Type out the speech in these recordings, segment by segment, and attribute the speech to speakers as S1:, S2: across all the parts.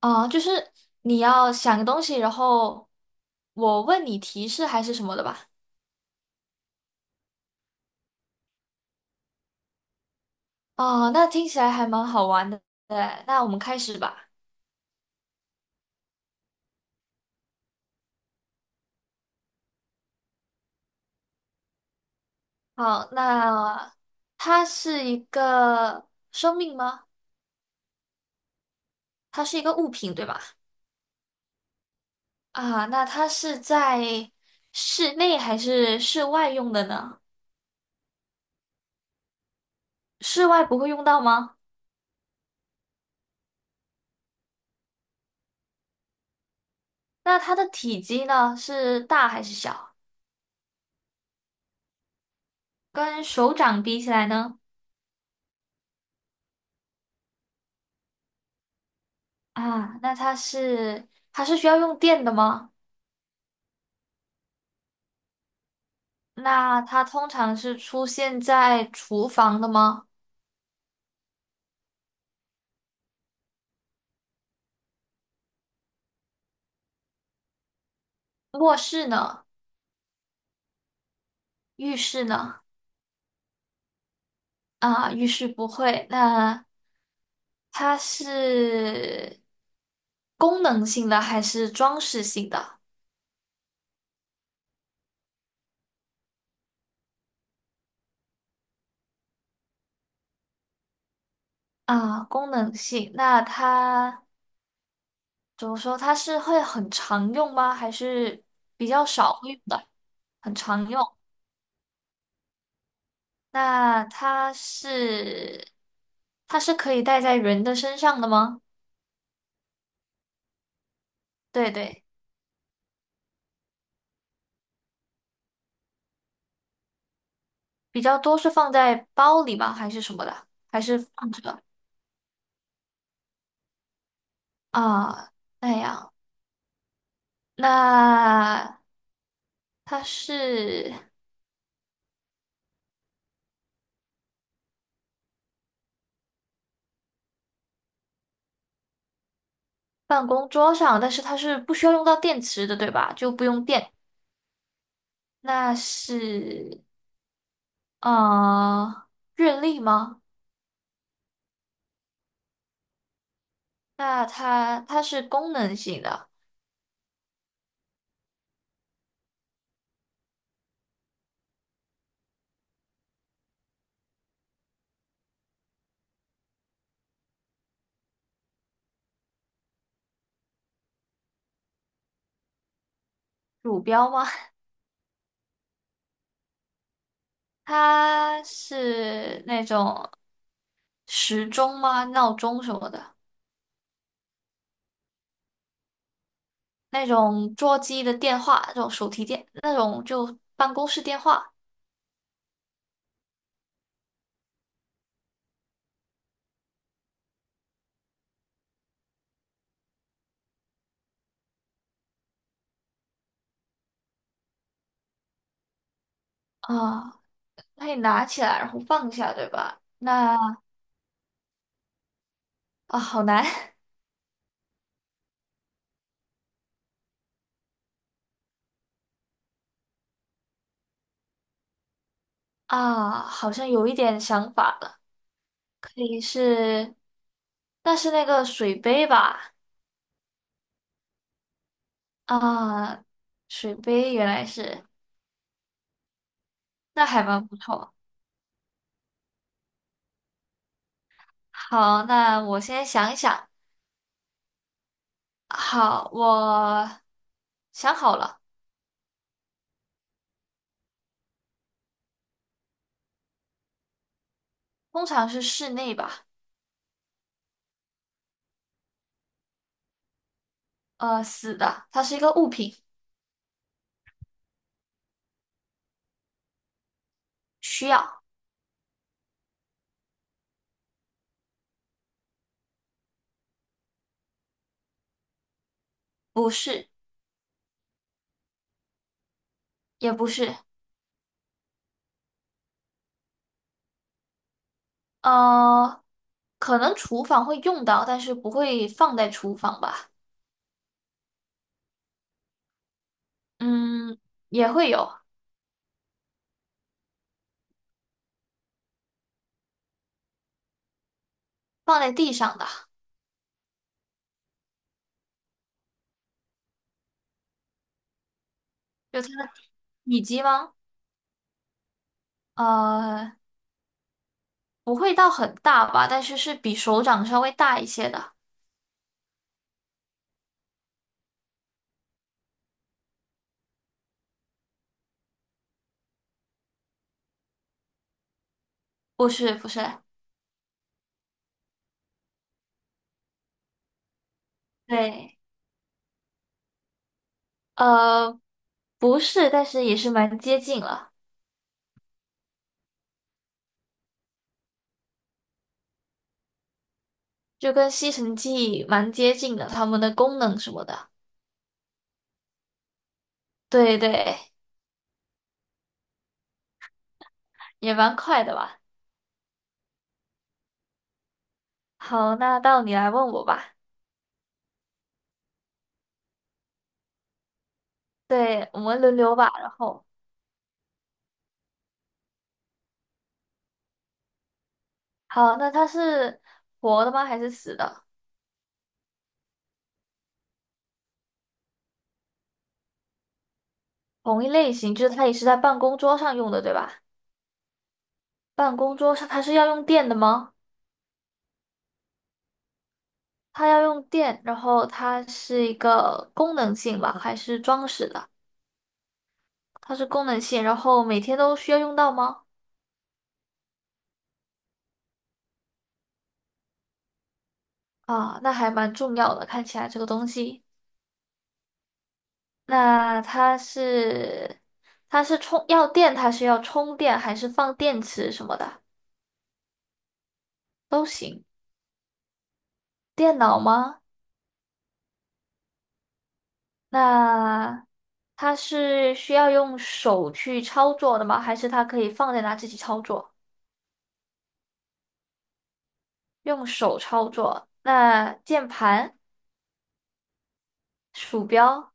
S1: 啊，就是你要想个东西，然后我问你提示还是什么的吧。哦，那听起来还蛮好玩的。对，那我们开始吧。好，那它是一个生命吗？它是一个物品，对吧？啊，那它是在室内还是室外用的呢？室外不会用到吗？那它的体积呢，是大还是小？跟手掌比起来呢？啊，那它是需要用电的吗？那它通常是出现在厨房的吗？卧室呢？浴室呢？啊，浴室不会。那它是功能性的还是装饰性的？啊，功能性。那它怎么说？它是会很常用吗？还是比较少会用的？很常用。那它是可以戴在人的身上的吗？对对。比较多是放在包里吗？还是什么的？还是放着啊？那样，那它是办公桌上，但是它是不需要用到电池的，对吧？就不用电。那是呃，日历吗？那它是功能性的鼠标吗？它是那种时钟吗？闹钟什么的，那种座机的电话，这种手提电，那种就办公室电话。啊，那你拿起来然后放下，对吧？那啊，好难。 啊，好像有一点想法了，可以是，那是那个水杯吧？啊，水杯原来是，那还蛮不错。好，那我先想一想。好，我想好了，通常是室内吧？呃，死的，它是一个物品，需要，不是，也不是，呃，可能厨房会用到，但是不会放在厨房吧。嗯，也会有放在地上的，就它的体积吗？呃，不会到很大吧，但是是比手掌稍微大一些的。不是，不是，对，呃，不是，但是也是蛮接近了，就跟吸尘器蛮接近的，它们的功能什么的。对对，也蛮快的吧。好，那到你来问我吧。对，我们轮流吧。然后，好，那它是活的吗？还是死的？同一类型，就是它也是在办公桌上用的，对吧？办公桌上它是要用电的吗？它要用电，然后它是一个功能性吧，还是装饰的？它是功能性，然后每天都需要用到吗？啊，那还蛮重要的，看起来这个东西。那它是充要电，它是要充电还是放电池什么的都行。电脑吗？那它是需要用手去操作的吗？还是它可以放在那自己操作？用手操作。那键盘、鼠标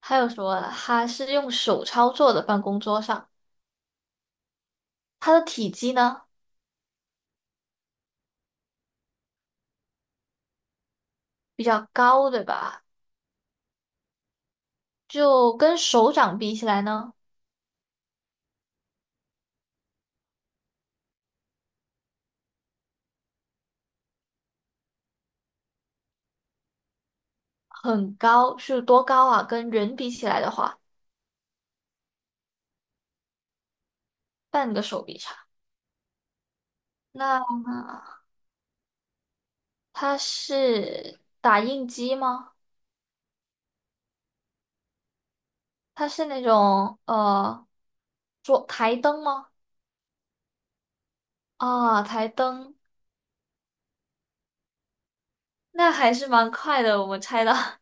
S1: 还有什么啊？它是用手操作的办公桌上，它的体积呢比较高，对吧？就跟手掌比起来呢，很高，是多高啊？跟人比起来的话，半个手臂长。那它是打印机吗？它是那种桌台灯吗？啊、台灯，那还是蛮快的，我们猜的。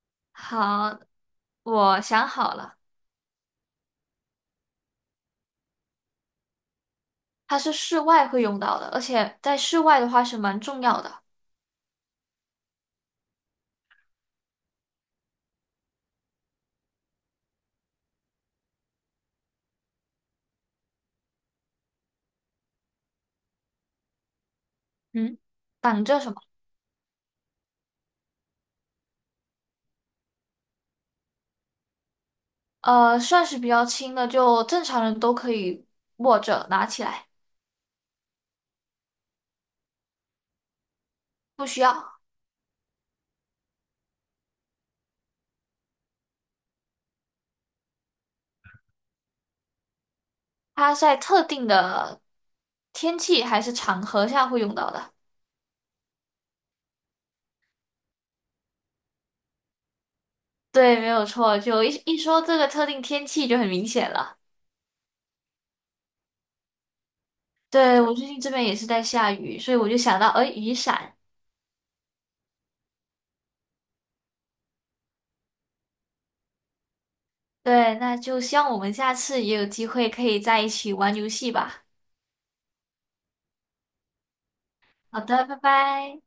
S1: 好，我想好了，它是室外会用到的，而且在室外的话是蛮重要的。嗯，挡着什么？呃，算是比较轻的，就正常人都可以握着拿起来，不需要。它在特定的天气还是场合下会用到的。对，没有错。就一一说这个特定天气就很明显了。对，我最近这边也是在下雨，所以我就想到，哎，雨伞。对，那就希望我们下次也有机会可以在一起玩游戏吧。好的，拜拜。